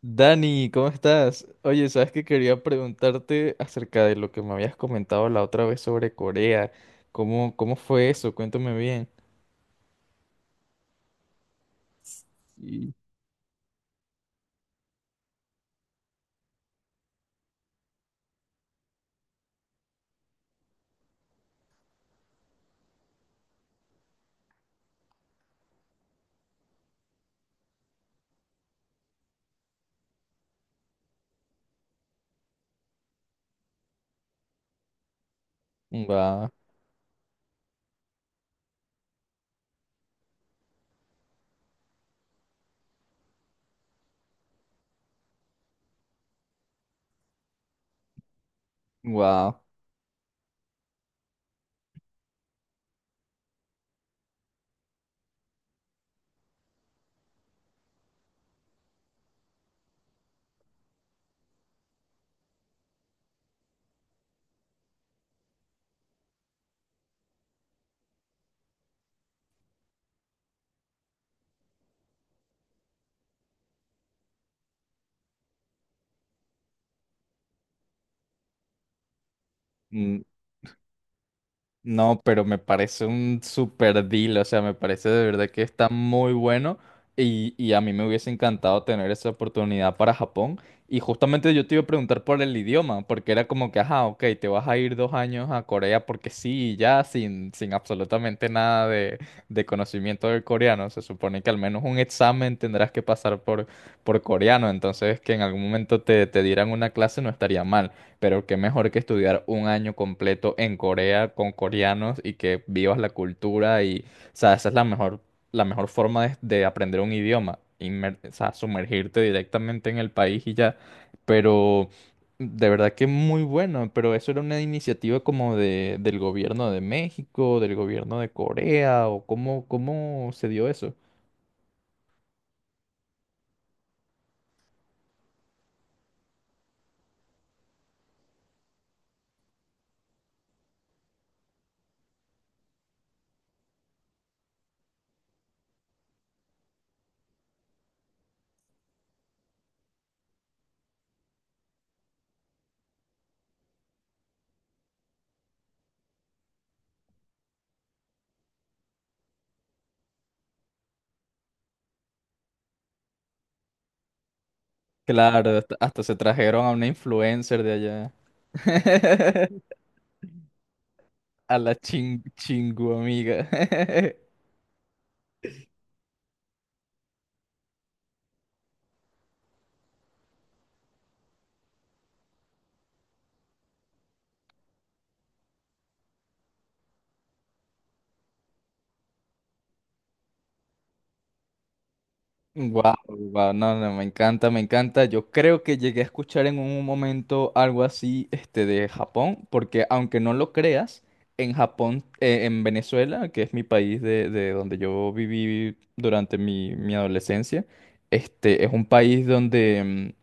Dani, ¿cómo estás? Oye, sabes que quería preguntarte acerca de lo que me habías comentado la otra vez sobre Corea. ¿Cómo fue eso? Cuéntame bien. Wow, wow. No, pero me parece un super deal, o sea, me parece de verdad que está muy bueno y a mí me hubiese encantado tener esa oportunidad para Japón. Y justamente yo te iba a preguntar por el idioma, porque era como que, ajá, ok, te vas a ir 2 años a Corea porque sí, y ya, sin absolutamente nada de conocimiento del coreano. Se supone que al menos un examen tendrás que pasar por coreano, entonces que en algún momento te dieran una clase no estaría mal. Pero qué mejor que estudiar un año completo en Corea con coreanos y que vivas la cultura y, o sea, esa es la mejor forma de aprender un idioma, o sea, sumergirte directamente en el país y ya. Pero de verdad que muy bueno, pero eso era una iniciativa como del gobierno de México, del gobierno de Corea, o cómo se dio eso. Claro, hasta se trajeron a una influencer de allá. A la ching chingu amiga. Wow, wow, no, no, me encanta, me encanta. Yo creo que llegué a escuchar en un momento algo así, este, de Japón, porque aunque no lo creas, en Japón, en Venezuela, que es mi país de donde yo viví durante mi adolescencia, este, es un país donde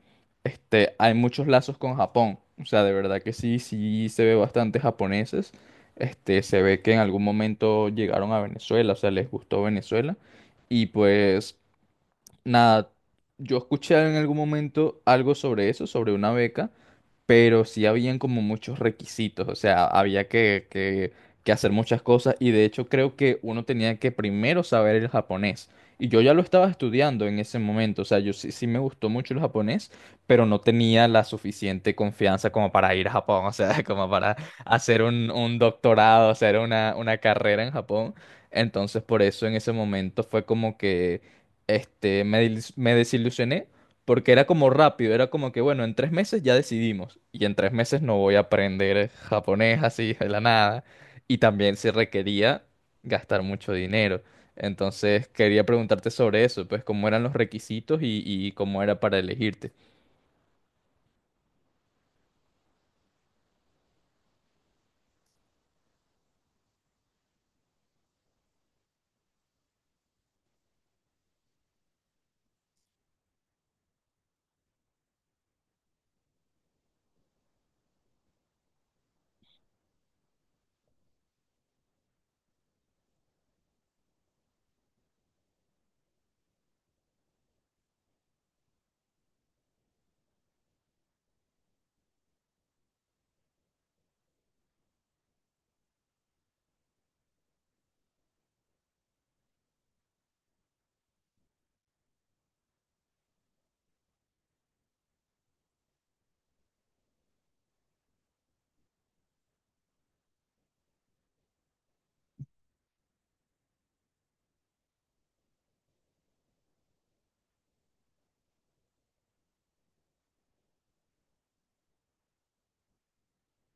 este, hay muchos lazos con Japón. O sea, de verdad que sí, sí se ve bastante japoneses. Este, se ve que en algún momento llegaron a Venezuela, o sea, les gustó Venezuela. Y pues, nada, yo escuché en algún momento algo sobre eso, sobre una beca, pero sí habían como muchos requisitos, o sea, había que hacer muchas cosas y de hecho creo que uno tenía que primero saber el japonés. Y yo ya lo estaba estudiando en ese momento, o sea, yo sí, sí me gustó mucho el japonés, pero no tenía la suficiente confianza como para ir a Japón, o sea, como para hacer un doctorado, hacer una carrera en Japón. Entonces, por eso en ese momento fue como que este, me desilusioné porque era como rápido, era como que, bueno, en 3 meses ya decidimos. Y en 3 meses no voy a aprender japonés así de la nada. Y también se requería gastar mucho dinero. Entonces quería preguntarte sobre eso, pues cómo eran los requisitos y cómo era para elegirte.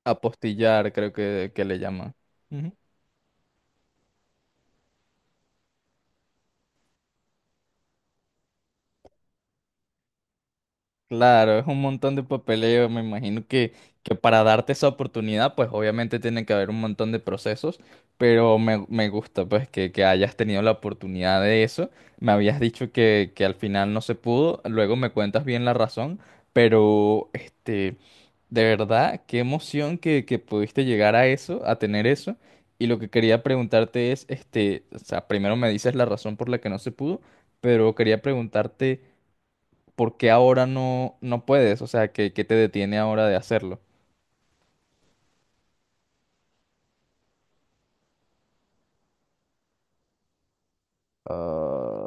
Apostillar, creo que le llaman. Claro, es un montón de papeleo. Me imagino que para darte esa oportunidad, pues obviamente tiene que haber un montón de procesos, pero me gusta pues que hayas tenido la oportunidad de eso. Me habías dicho que al final no se pudo, luego me cuentas bien la razón, pero este, de verdad, qué emoción que pudiste llegar a eso, a tener eso. Y lo que quería preguntarte es, este, o sea, primero me dices la razón por la que no se pudo, pero quería preguntarte... ¿por qué ahora no, no puedes? O sea, ¿qué te detiene ahora de hacerlo? Ah,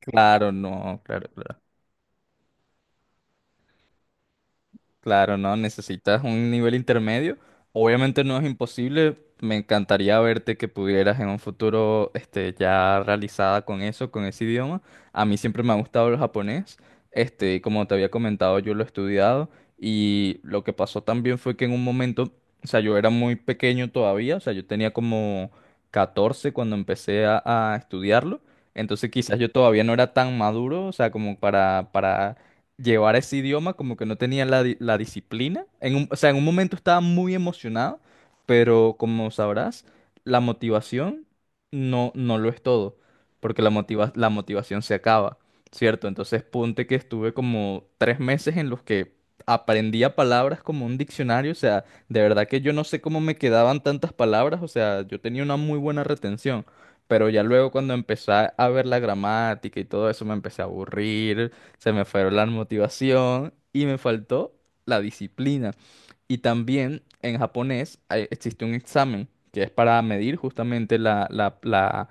claro, no, claro, claro. Claro, no, necesitas un nivel intermedio. Obviamente no es imposible. Me encantaría verte que pudieras en un futuro, este, ya realizada con eso, con ese idioma. A mí siempre me ha gustado el japonés. Este, y como te había comentado, yo lo he estudiado y lo que pasó también fue que en un momento, o sea, yo era muy pequeño todavía, o sea, yo tenía como 14 cuando empecé a estudiarlo. Entonces quizás yo todavía no era tan maduro, o sea, como para llevar ese idioma, como que no tenía la disciplina. O sea, en un momento estaba muy emocionado, pero como sabrás, la motivación no, no lo es todo, porque la motivación se acaba, ¿cierto? Entonces, ponte que estuve como 3 meses en los que aprendía palabras como un diccionario, o sea, de verdad que yo no sé cómo me quedaban tantas palabras, o sea, yo tenía una muy buena retención. Pero ya luego cuando empecé a ver la gramática y todo eso me empecé a aburrir, se me fueron la motivación y me faltó la disciplina. Y también en japonés existe un examen que es para medir justamente la,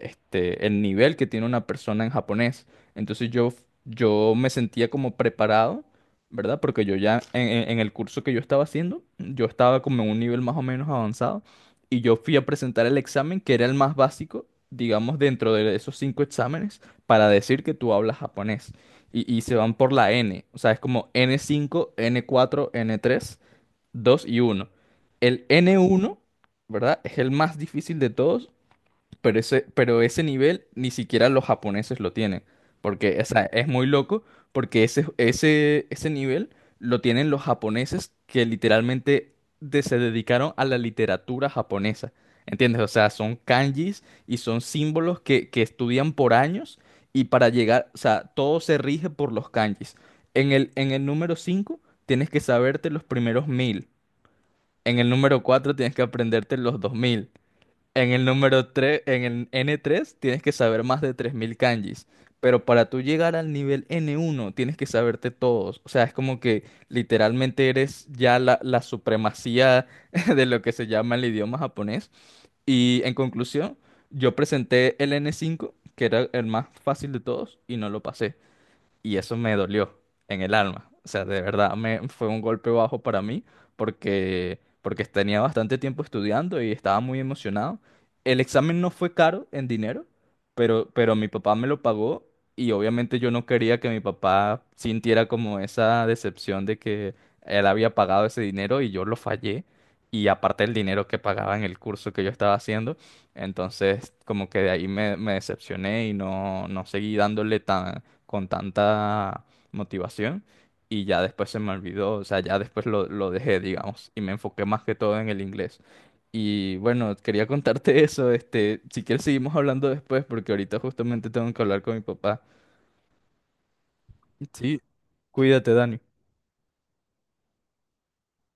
este, el nivel que tiene una persona en japonés. Entonces yo me sentía como preparado, ¿verdad? Porque yo ya en el curso que yo estaba haciendo, yo estaba como en un nivel más o menos avanzado y yo fui a presentar el examen que era el más básico, digamos, dentro de esos cinco exámenes para decir que tú hablas japonés y se van por la N. O sea, es como n cinco, n cuatro, n tres, dos y uno. El n uno, ¿verdad? Es el más difícil de todos pero ese nivel ni siquiera los japoneses lo tienen. Porque, o sea, es muy loco porque ese nivel lo tienen los japoneses que literalmente se dedicaron a la literatura japonesa. ¿Entiendes? O sea, son kanjis y son símbolos que estudian por años y para llegar, o sea, todo se rige por los kanjis. En el número 5 tienes que saberte los primeros 1,000. En el número 4 tienes que aprenderte los 2,000 en el número 3, en el n tres, tienes que saber más de 3,000 kanjis, pero para tú llegar al nivel n uno, tienes que saberte todos. O sea, es como que literalmente eres ya la supremacía de lo que se llama el idioma japonés. Y en conclusión, yo presenté el n cinco, que era el más fácil de todos, y no lo pasé y eso me dolió en el alma. O sea, de verdad me fue un golpe bajo para mí porque tenía bastante tiempo estudiando y estaba muy emocionado. El examen no fue caro en dinero, pero mi papá me lo pagó y obviamente yo no quería que mi papá sintiera como esa decepción de que él había pagado ese dinero y yo lo fallé. Y aparte el dinero que pagaba en el curso que yo estaba haciendo. Entonces, como que de ahí me decepcioné y no, no seguí dándole tan, con tanta motivación y ya después se me olvidó, o sea, ya después lo dejé, digamos, y me enfoqué más que todo en el inglés. Y bueno, quería contarte eso, este, si quieres seguimos hablando después porque ahorita justamente tengo que hablar con mi papá. Sí, cuídate, Dani.